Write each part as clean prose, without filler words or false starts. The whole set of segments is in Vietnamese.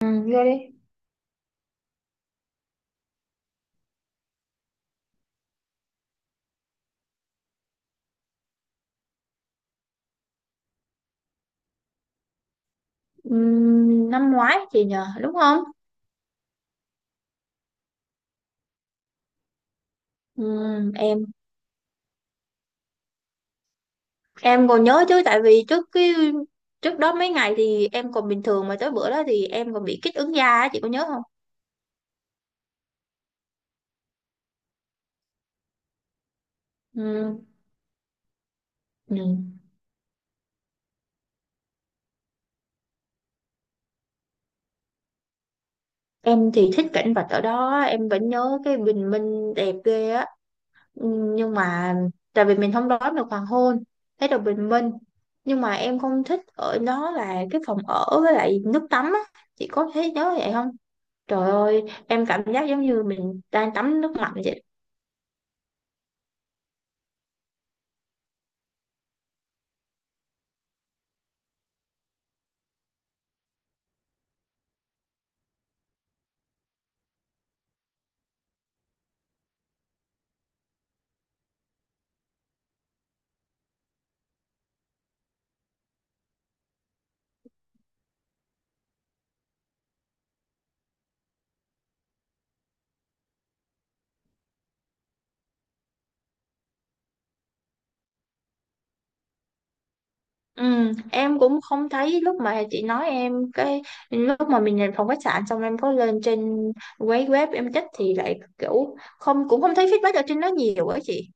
Ừ, vô đi. Ừ, năm ngoái chị nhờ, đúng không? Ừ, em em còn nhớ chứ tại vì trước đó mấy ngày thì em còn bình thường, mà tới bữa đó thì em còn bị kích ứng da á, chị có nhớ không? Ừ. Ừ. Em thì thích cảnh vật ở đó, em vẫn nhớ cái bình minh đẹp ghê á. Ừ. Nhưng mà tại vì mình không đón được hoàng hôn, thấy được bình minh. Nhưng mà em không thích ở đó là cái phòng ở với lại nước tắm á. Chị có thấy nhớ vậy không? Trời ơi, em cảm giác giống như mình đang tắm nước lạnh vậy. Ừ, em cũng không thấy lúc mà chị nói em, cái lúc mà mình nhận phòng khách sạn xong em có lên trên quấy web em check thì lại kiểu không, cũng không thấy feedback ở trên đó nhiều á chị.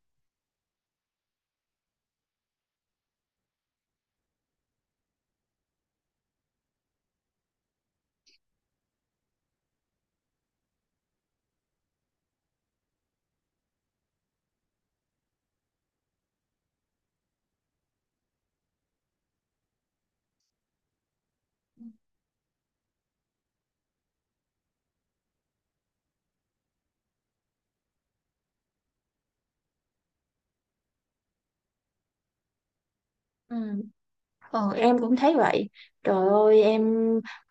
Ừ, ờ, em cũng thấy vậy. Trời ơi, em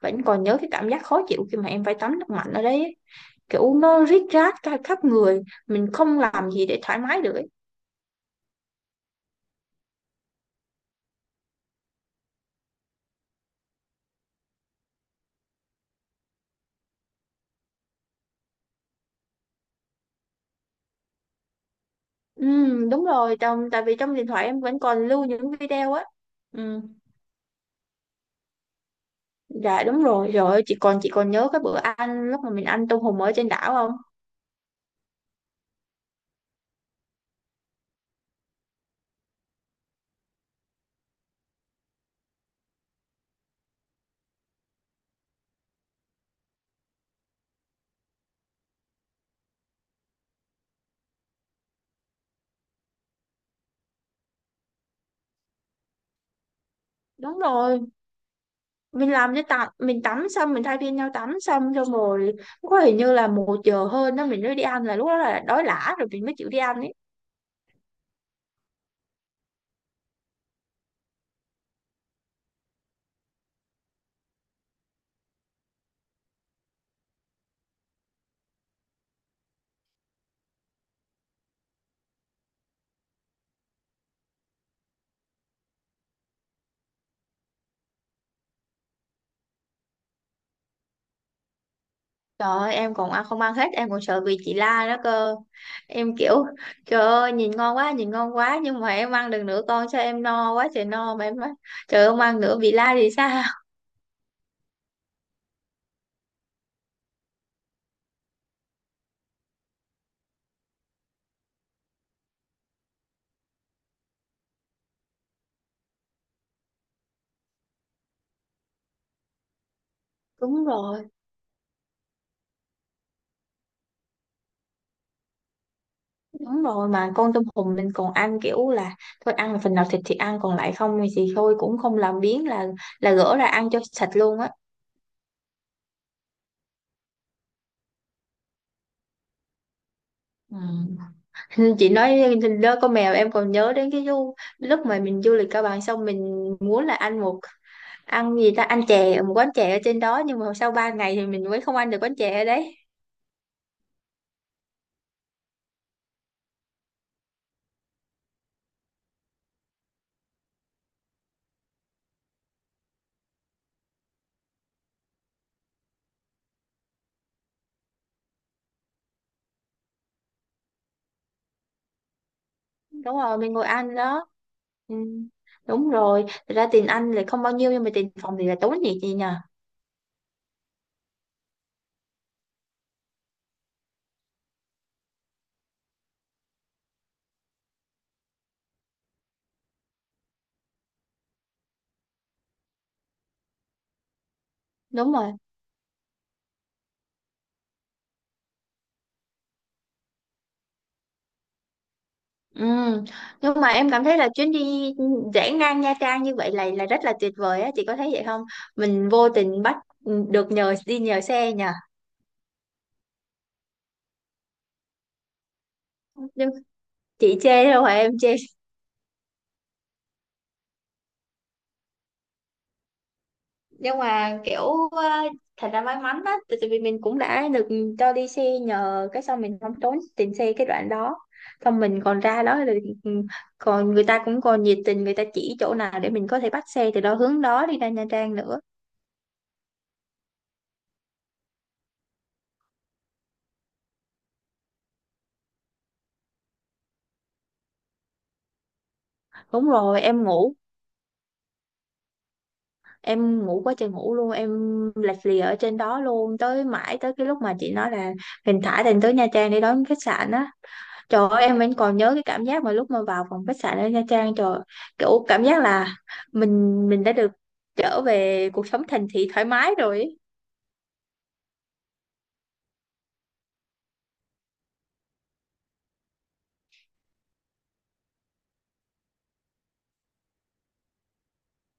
vẫn còn nhớ cái cảm giác khó chịu khi mà em phải tắm nước lạnh ở đấy. Kiểu nó rít rát cả khắp người, mình không làm gì để thoải mái được ấy. Ừ, đúng rồi, tại vì trong điện thoại em vẫn còn lưu những video á. Ừ, dạ đúng rồi, rồi chị còn nhớ cái bữa ăn lúc mà mình ăn tôm hùm ở trên đảo không? Đúng rồi, mình làm cái tắm, mình tắm xong mình thay phiên nhau tắm xong xong rồi có hình như là 1 giờ hơn đó mình mới đi ăn, là lúc đó là đói lả rồi mình mới chịu đi ăn ấy. Trời ơi, em còn ăn không ăn hết, em còn sợ bị chị la đó cơ. Em kiểu trời ơi nhìn ngon quá, nhìn ngon quá, nhưng mà em ăn được nửa con sao em no quá trời no mà em nói trời ơi, không ăn nữa bị la thì sao? Đúng rồi, đúng rồi mà con tôm hùm mình còn ăn kiểu là thôi ăn phần nào thịt thì ăn, còn lại không thì thôi, cũng không làm biếng là gỡ ra ăn cho sạch luôn á. Ừ. Chị nói đó con mèo, em còn nhớ đến cái du lúc mà mình du lịch Cao Bằng, xong mình muốn là ăn gì ta, ăn chè ở một quán chè ở trên đó, nhưng mà sau 3 ngày thì mình mới không ăn được quán chè ở đấy. Đúng rồi, mình ngồi ăn đó. Ừ. Đúng rồi, thật ra tiền ăn là không bao nhiêu nhưng mà tiền phòng thì là tốn nhiều chị nhờ. Đúng rồi. Ừ. Nhưng mà em cảm thấy là chuyến đi rẽ ngang Nha Trang như vậy là rất là tuyệt vời á, chị có thấy vậy không? Mình vô tình bắt được nhờ, đi nhờ xe nhờ. Nhưng chị chê đâu phải em chê. Nhưng mà kiểu ờ, thật ra may mắn á, tại tại vì mình cũng đã được cho đi xe nhờ, cái xong mình không tốn tiền xe cái đoạn đó, xong mình còn ra đó rồi ừ, còn người ta cũng còn nhiệt tình, người ta chỉ chỗ nào để mình có thể bắt xe từ đó hướng đó đi ra Nha Trang nữa. Đúng rồi, em ngủ quá trời ngủ luôn, em lạch lì ở trên đó luôn mãi tới cái lúc mà chị nói là mình thả Thành tới Nha Trang để đón khách sạn á. Trời ơi, em vẫn còn nhớ cái cảm giác mà lúc mà vào phòng khách sạn ở Nha Trang, trời ơi, kiểu cảm giác là mình đã được trở về cuộc sống thành thị thoải mái rồi ấy.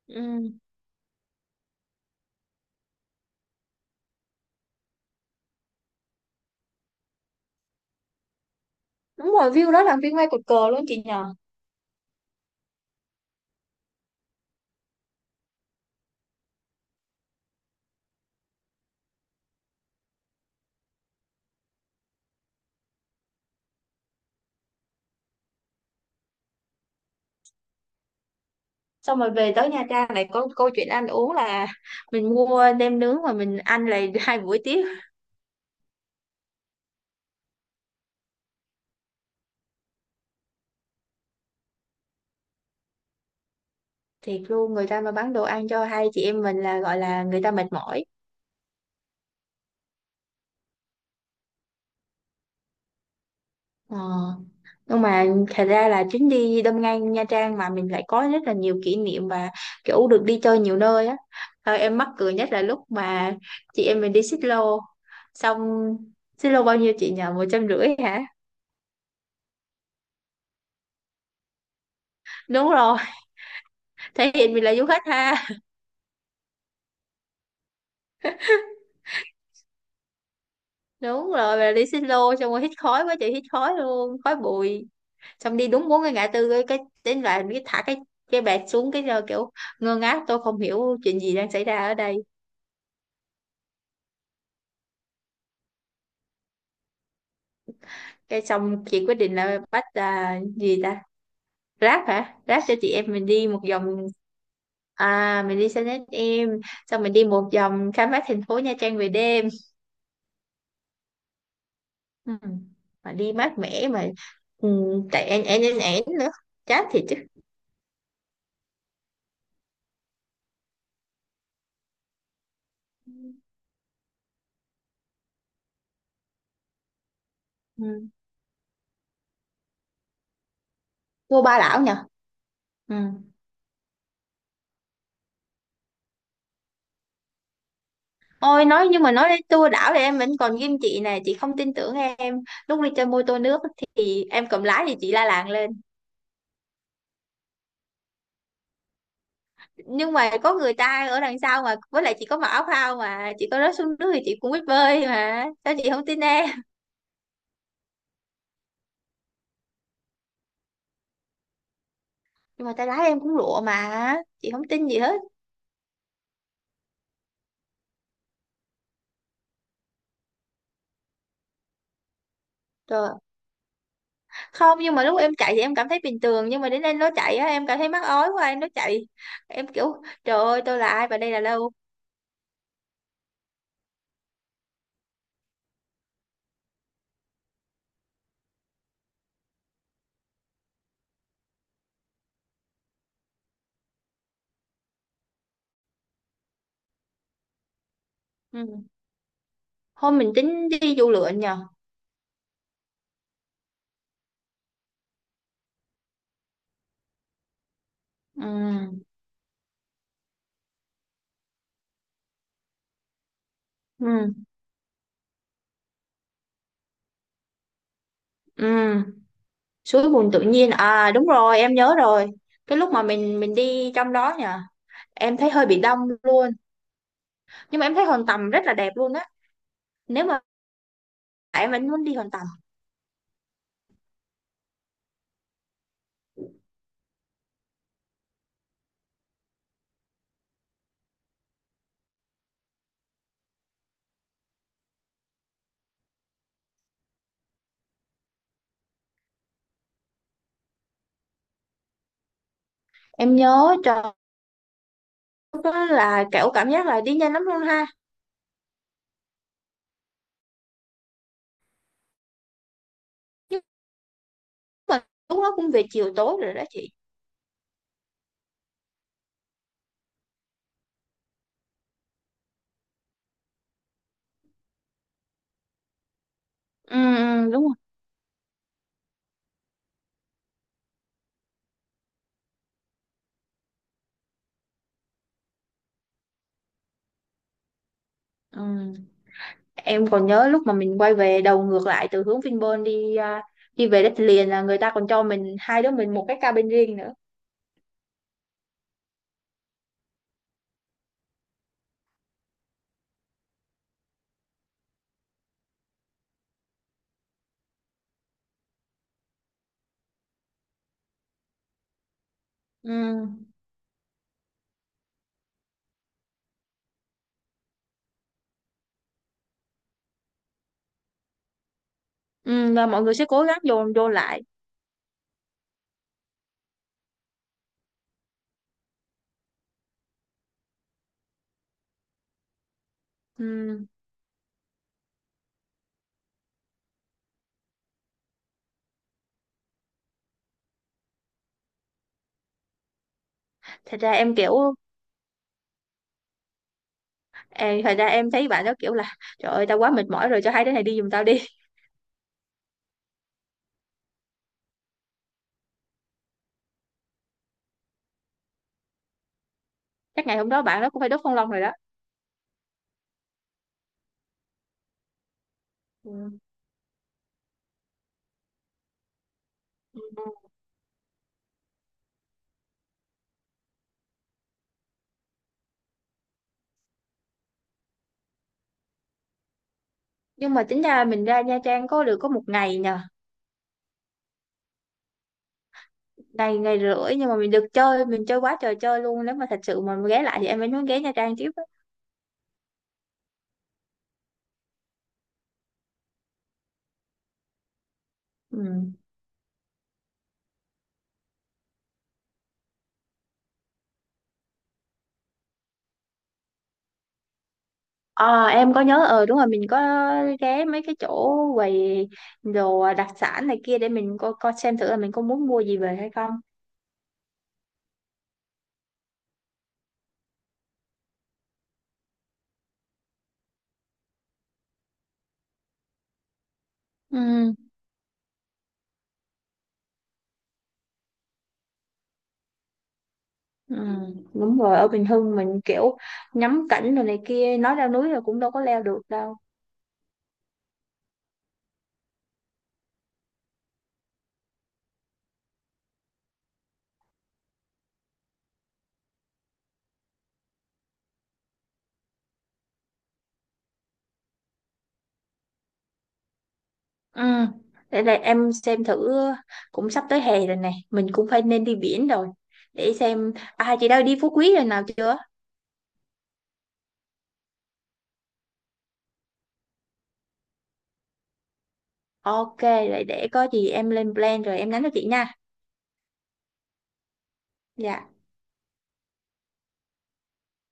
Ừ. Đúng rồi, view đó là view ngay cột cờ luôn chị nhờ. Xong rồi về tới Nha Trang lại có câu chuyện ăn uống là mình mua nem nướng mà mình ăn lại 2 buổi tiếp. Thiệt luôn, người ta mà bán đồ ăn cho hai chị em mình là gọi là người ta mệt mỏi ờ. Nhưng mà thật ra là chuyến đi đâm ngang Nha Trang mà mình lại có rất là nhiều kỷ niệm và kiểu được đi chơi nhiều nơi á. Thôi em mắc cười nhất là lúc mà chị em mình đi xích lô xong, xích lô bao nhiêu chị nhờ, 150 hả? Đúng rồi, thể hiện mình là du khách ha. Đúng rồi, mà đi xích lô xong rồi hít khói quá trời hít khói luôn khói bụi, xong đi đúng bốn cái ngã tư, cái đến đoạn cái thả cái bẹt xuống cái giờ kiểu ngơ ngác tôi không hiểu chuyện gì đang xảy ra ở đây. Cái xong chị quyết định là bắt à, gì ta, Grab hả, Grab cho chị em mình đi một vòng. À mình đi xe nét em. Xong mình đi một vòng khám phá thành phố Nha Trang về đêm. Ừ. Mà đi mát mẻ mà. Ừ, tại én én én én nữa, chát thiệt chứ. Ừ. Vô Ba Lão nhờ. Ừ. Ôi, nhưng mà nói đến tour đảo thì em vẫn còn ghim chị này, chị không tin tưởng em lúc đi chơi mô tô nước, thì em cầm lái thì chị la làng lên. Nhưng mà có người ta ở đằng sau mà, với lại chị có mặc áo phao mà, chị có rớt xuống nước thì chị cũng biết bơi mà, sao chị không tin em? Nhưng mà tay lái em cũng lụa mà chị không tin gì hết. Rồi không, nhưng mà lúc em chạy thì em cảm thấy bình thường, nhưng mà đến đây nó chạy á, em cảm thấy mắc ói quá, em nó chạy, em kiểu trời ơi tôi là ai và đây là đâu. Ừ. Hôm mình tính đi du lượn nhờ. Ừ. Ừ. Ừ. Suối bùn tự nhiên à, đúng rồi em nhớ rồi, cái lúc mà mình đi trong đó nhỉ, em thấy hơi bị đông luôn, nhưng mà em thấy hòn tầm rất là đẹp luôn á. Nếu mà em vẫn muốn đi hòn tầm. Em nhớ trời, lúc đó là kiểu cảm giác là đi nhanh lắm luôn ha. Nhưng mà lúc đó cũng về chiều tối rồi đó chị. Ừ. Ừ, đúng rồi. Ừ. Em còn nhớ lúc mà mình quay về đầu ngược lại từ hướng Vinpearl đi à, đi về đất liền là người ta còn cho mình, hai đứa mình, một cái cabin riêng nữa. Ừ. Ừ, và mọi người sẽ cố gắng dồn vô lại. Ừ. Thật ra em kiểu, em thật ra em thấy bạn đó kiểu là trời ơi tao quá mệt mỏi rồi cho hai đứa này đi giùm tao đi. Chắc ngày hôm đó bạn đó cũng phải đốt phong long rồi đó. Ừ. Nhưng mà tính ra mình ra Nha Trang có được 1 ngày nhờ. Ngày ngày rưỡi nhưng mà mình được chơi, mình chơi quá trời chơi luôn, nếu mà thật sự mà ghé lại thì em vẫn muốn ghé Nha Trang tiếp á. Ừ. Ờ em có nhớ, ờ đúng rồi, mình có ghé mấy cái chỗ quầy đồ đặc sản này kia để mình coi coi xem thử là mình có muốn mua gì về hay không. Ừ. Ừ, đúng rồi, ở Bình Hưng mình kiểu ngắm cảnh rồi này kia, nói leo núi là cũng đâu có leo được đâu. Ừ, để là em xem thử, cũng sắp tới hè rồi nè, mình cũng phải nên đi biển rồi, để xem. À chị đã đi Phú Quý rồi nào chưa? OK, vậy để có gì em lên plan rồi em nhắn cho chị nha. Dạ.